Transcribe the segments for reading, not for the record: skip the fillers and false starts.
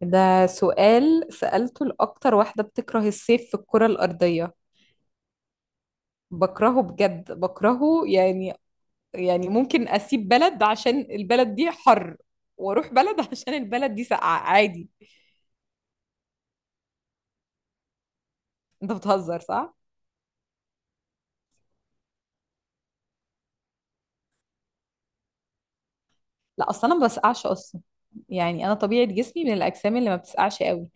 ده سؤال سألته لأكتر واحدة بتكره الصيف في الكرة الأرضية. بكرهه بجد بكرهه يعني. يعني ممكن أسيب بلد عشان البلد دي حر، وأروح بلد عشان البلد دي ساقعة عادي. أنت بتهزر صح؟ لا أصلا أنا ما بسقعش أصلا، يعني أنا طبيعة جسمي من الأجسام اللي ما بتسقعش قوي.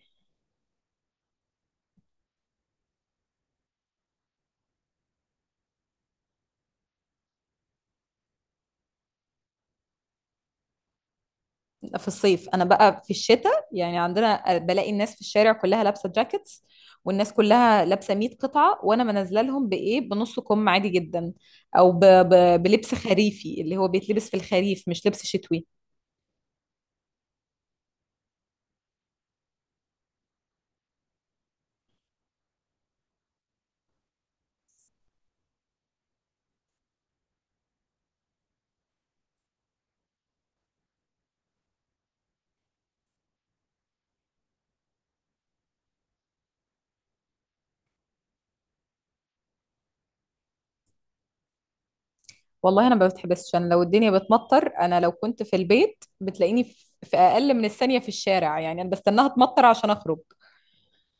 في الصيف انا بقى في الشتاء، يعني عندنا بلاقي الناس في الشارع كلها لابسه جاكيتس، والناس كلها لابسه 100 قطعه وانا منزله لهم بايه بنص كم عادي جدا. او بلبس خريفي اللي هو بيتلبس في الخريف مش لبس شتوي. والله انا ما بتحبسش، انا لو الدنيا بتمطر انا لو كنت في البيت بتلاقيني في اقل من الثانيه في الشارع. يعني انا بستناها تمطر عشان اخرج،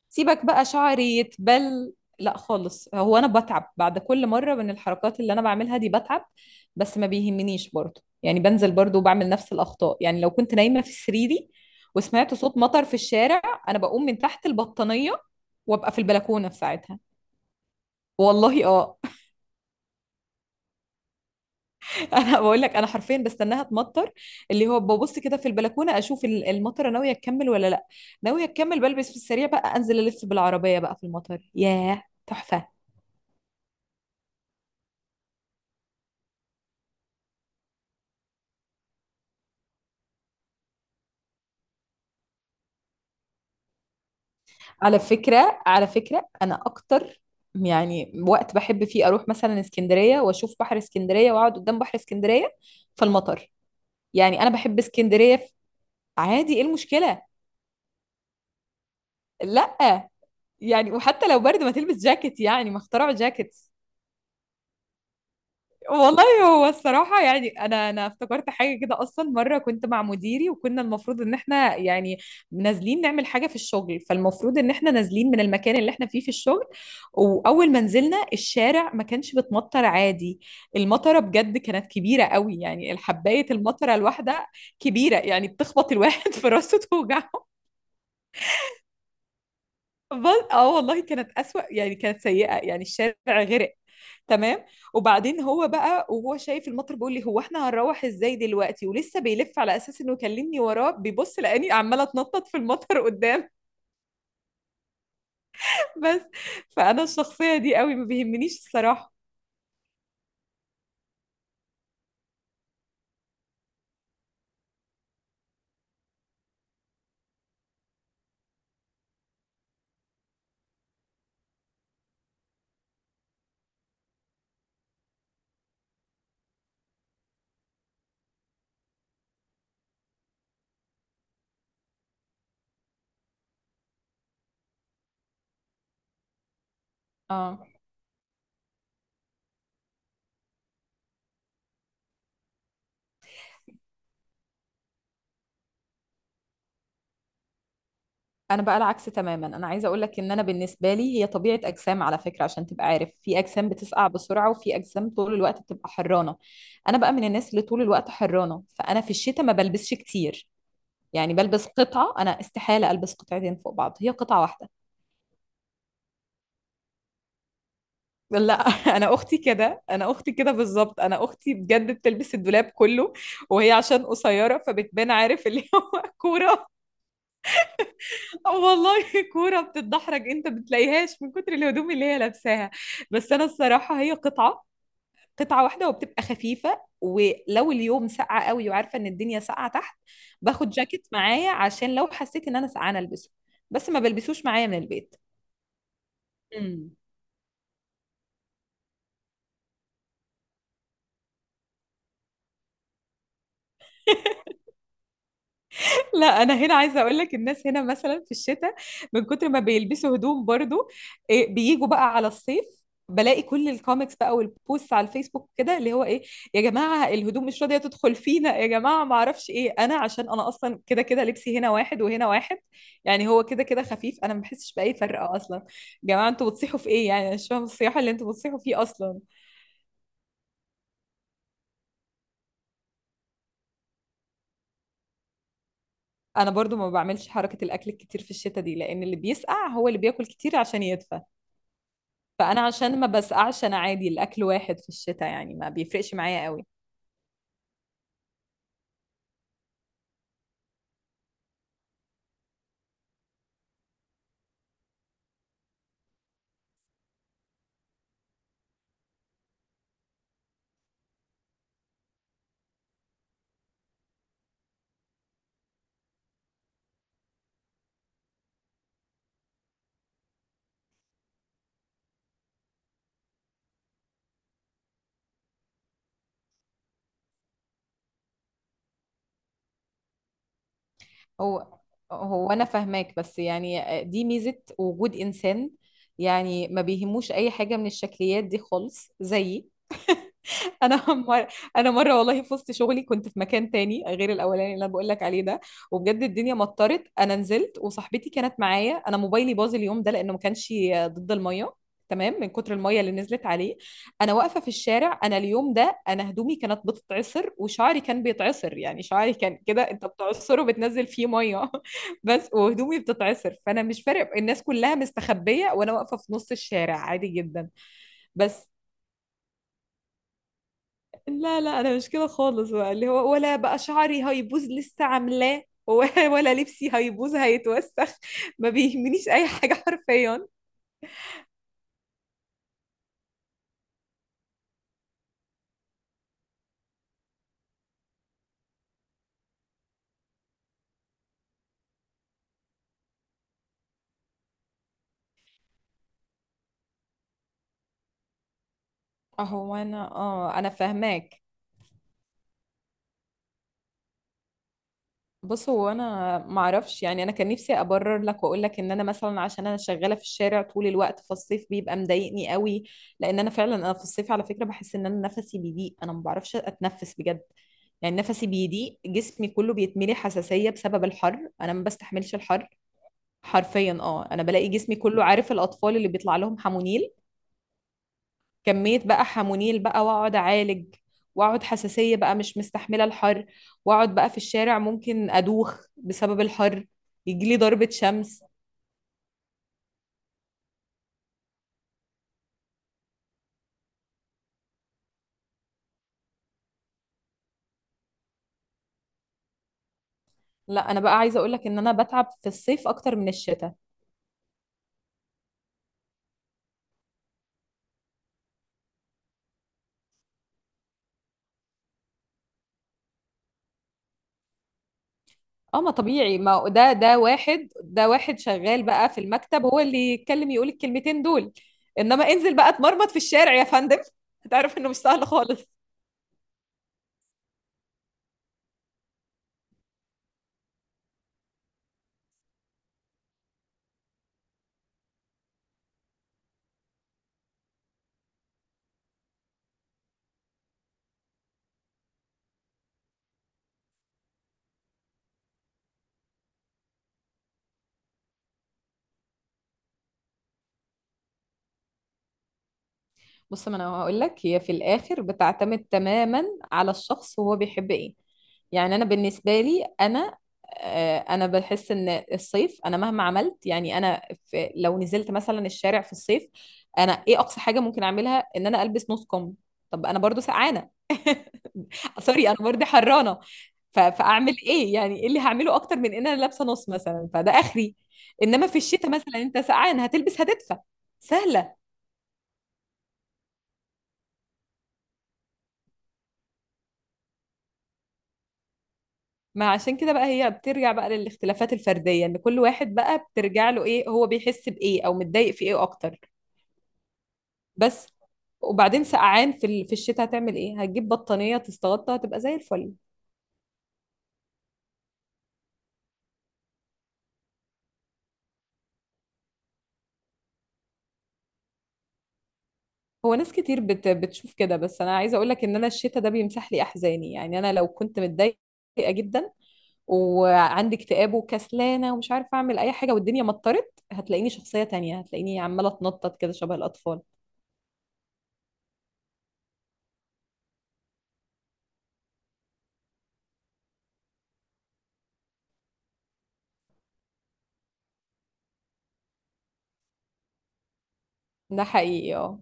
سيبك بقى شعري يتبل. لا خالص، هو انا بتعب بعد كل مره من الحركات اللي انا بعملها دي بتعب، بس ما بيهمنيش برضو. يعني بنزل برضو وبعمل نفس الاخطاء. يعني لو كنت نايمه في سريري وسمعت صوت مطر في الشارع، انا بقوم من تحت البطانيه وابقى في البلكونه في ساعتها. والله اه. انا بقول لك انا حرفيا بستناها تمطر، اللي هو ببص كده في البلكونه اشوف المطره ناويه تكمل ولا لا. ناويه تكمل بلبس في السريع بقى انزل الف بالعربيه بقى في المطر، ياه تحفه. على فكرة على فكرة أنا أكتر، يعني وقت بحب فيه أروح مثلا اسكندرية وأشوف بحر اسكندرية وأقعد قدام بحر اسكندرية فالمطر. يعني أنا بحب اسكندرية عادي، إيه المشكلة؟ لأ. يعني وحتى لو برد ما تلبس جاكيت، يعني ما اخترعوا جاكيت. والله هو الصراحة، يعني أنا افتكرت حاجة كده. أصلا مرة كنت مع مديري وكنا المفروض إن إحنا يعني نازلين نعمل حاجة في الشغل، فالمفروض إن إحنا نازلين من المكان اللي إحنا فيه في الشغل، وأول ما نزلنا الشارع ما كانش بتمطر عادي. المطرة بجد كانت كبيرة قوي، يعني الحباية المطرة الواحدة كبيرة، يعني بتخبط الواحد في راسه توجع. اه والله كانت أسوأ، يعني كانت سيئة، يعني الشارع غرق. تمام. وبعدين هو بقى وهو شايف المطر بيقول لي هو احنا هنروح ازاي دلوقتي، ولسه بيلف على اساس انه يكلمني وراه بيبص لاني عماله اتنطط في المطر قدام. بس. فانا الشخصيه دي قوي ما بيهمنيش الصراحه. اه انا بقى العكس تماما. انا عايزه اقول لك ان انا بالنسبه لي هي طبيعه اجسام على فكره، عشان تبقى عارف في اجسام بتسقع بسرعه وفي اجسام طول الوقت بتبقى حرانه. انا بقى من الناس اللي طول الوقت حرانه، فانا في الشتاء ما بلبسش كتير. يعني بلبس قطعة، أنا استحالة ألبس قطعتين فوق بعض، هي قطعة واحدة. لا. أنا أختي كده، أنا أختي كده بالظبط، أنا أختي بجد بتلبس الدولاب كله، وهي عشان قصيرة فبتبان عارف اللي هو كورة. والله كورة بتتدحرج، أنت بتلاقيهاش من كتر الهدوم اللي هي لابساها. بس أنا الصراحة هي قطعة، قطعة واحدة وبتبقى خفيفة. ولو اليوم ساقعة قوي وعارفة إن الدنيا ساقعة تحت، باخد جاكيت معايا عشان لو حسيت إن أنا سقعانة ألبسه، بس ما بلبسوش معايا من البيت. لا انا هنا عايزه اقول لك الناس هنا مثلا في الشتاء من كتر ما بيلبسوا هدوم برضو، إيه، بيجوا بقى على الصيف بلاقي كل الكوميكس بقى والبوست على الفيسبوك كده اللي هو ايه، يا جماعه الهدوم مش راضيه تدخل فينا، يا جماعه ما اعرفش ايه. انا عشان انا اصلا كده كده لبسي هنا واحد وهنا واحد، يعني هو كده كده خفيف، انا ما بحسش باي فرق اصلا. يا جماعه انتوا بتصيحوا في ايه؟ يعني أنا مش فاهمه الصياحه اللي انتوا بتصيحوا فيه اصلا. انا برضو ما بعملش حركه الاكل الكتير في الشتاء دي، لان اللي بيسقع هو اللي بياكل كتير عشان يدفى، فانا عشان ما بسقعش انا عادي الاكل واحد في الشتاء، يعني ما بيفرقش معايا قوي. هو هو انا فاهماك، بس يعني دي ميزة وجود انسان يعني ما بيهموش اي حاجة من الشكليات دي خالص زيي. انا انا مره والله في وسط شغلي كنت في مكان تاني غير الاولاني اللي انا بقول لك عليه ده، وبجد الدنيا مطرت، انا نزلت وصاحبتي كانت معايا، انا موبايلي باظ اليوم ده لانه ما كانش ضد الميه. تمام، من كتر الميه اللي نزلت عليه. انا واقفه في الشارع، انا اليوم ده انا هدومي كانت بتتعصر وشعري كان بيتعصر، يعني شعري كان كده انت بتعصره بتنزل فيه ميه بس، وهدومي بتتعصر، فانا مش فارق الناس كلها مستخبيه وانا واقفه في نص الشارع عادي جدا. بس. لا انا مش كده خالص بقى، اللي هو ولا بقى شعري هيبوظ لسه عاملاه ولا لبسي هيبوظ هيتوسخ، ما بيهمنيش اي حاجه حرفيا. هو انا اه انا فاهماك. بص هو انا معرفش، يعني انا كان نفسي ابرر لك واقول لك ان انا مثلا عشان انا شغاله في الشارع طول الوقت فالصيف بيبقى مضايقني قوي، لان انا فعلا انا في الصيف على فكره بحس ان انا نفسي بيضيق، انا ما بعرفش اتنفس بجد. يعني نفسي بيضيق، جسمي كله بيتملي حساسيه بسبب الحر، انا ما بستحملش الحر حرفيا. اه انا بلاقي جسمي كله، عارف الاطفال اللي بيطلع لهم حمونيل، كمية بقى حمونيل بقى، واقعد اعالج واقعد حساسية بقى مش مستحملة الحر، واقعد بقى في الشارع ممكن ادوخ بسبب الحر، يجيلي ضربة شمس. لا انا بقى عايزة اقولك ان انا بتعب في الصيف اكتر من الشتاء. اه ما طبيعي، ما ده ده واحد شغال بقى في المكتب هو اللي يتكلم يقول الكلمتين دول، انما انزل بقى اتمرمط في الشارع يا فندم هتعرف انه مش سهل خالص. بص ما انا هقول لك هي في الاخر بتعتمد تماما على الشخص وهو بيحب ايه. يعني انا بالنسبه لي انا آه، انا بحس ان الصيف، انا مهما عملت، يعني انا في لو نزلت مثلا الشارع في الصيف، انا ايه اقصى حاجه ممكن اعملها، ان انا البس نص كم. طب انا برضو سقعانه. سوري انا برضو حرانه. فاعمل ايه؟ يعني ايه اللي هعمله اكتر من ان انا لابسه نص مثلا، فده اخري. انما في الشتاء مثلا انت سقعان هتلبس هتدفى، سهله. ما عشان كده بقى، هي بترجع بقى للاختلافات الفردية ان كل واحد بقى بترجع له ايه، هو بيحس بايه او متضايق في ايه اكتر. بس. وبعدين سقعان في في الشتاء هتعمل ايه؟ هتجيب بطانية تستغطى هتبقى زي الفل. هو ناس كتير بتشوف كده، بس انا عايزة اقول لك ان انا الشتاء ده بيمسح لي احزاني، يعني انا لو كنت متضايقة جدا وعندي اكتئاب وكسلانة ومش عارفة اعمل اي حاجة والدنيا مطرت، هتلاقيني شخصية تانية، هتلاقيني عمالة اتنطط كده شبه الاطفال. ده حقيقي اه.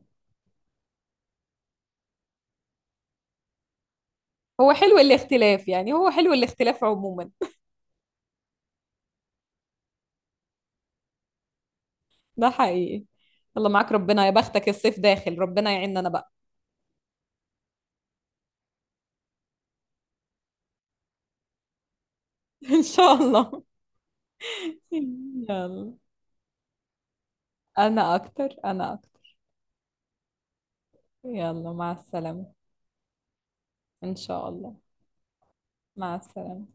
هو حلو الاختلاف، يعني هو حلو الاختلاف عموما. ده حقيقي. يلا معاك ربنا، يا بختك الصيف داخل، ربنا يعيننا انا بقى. ان شاء الله. يلا، انا اكتر انا اكتر. يلا مع السلامة. ان شاء الله. مع السلامة.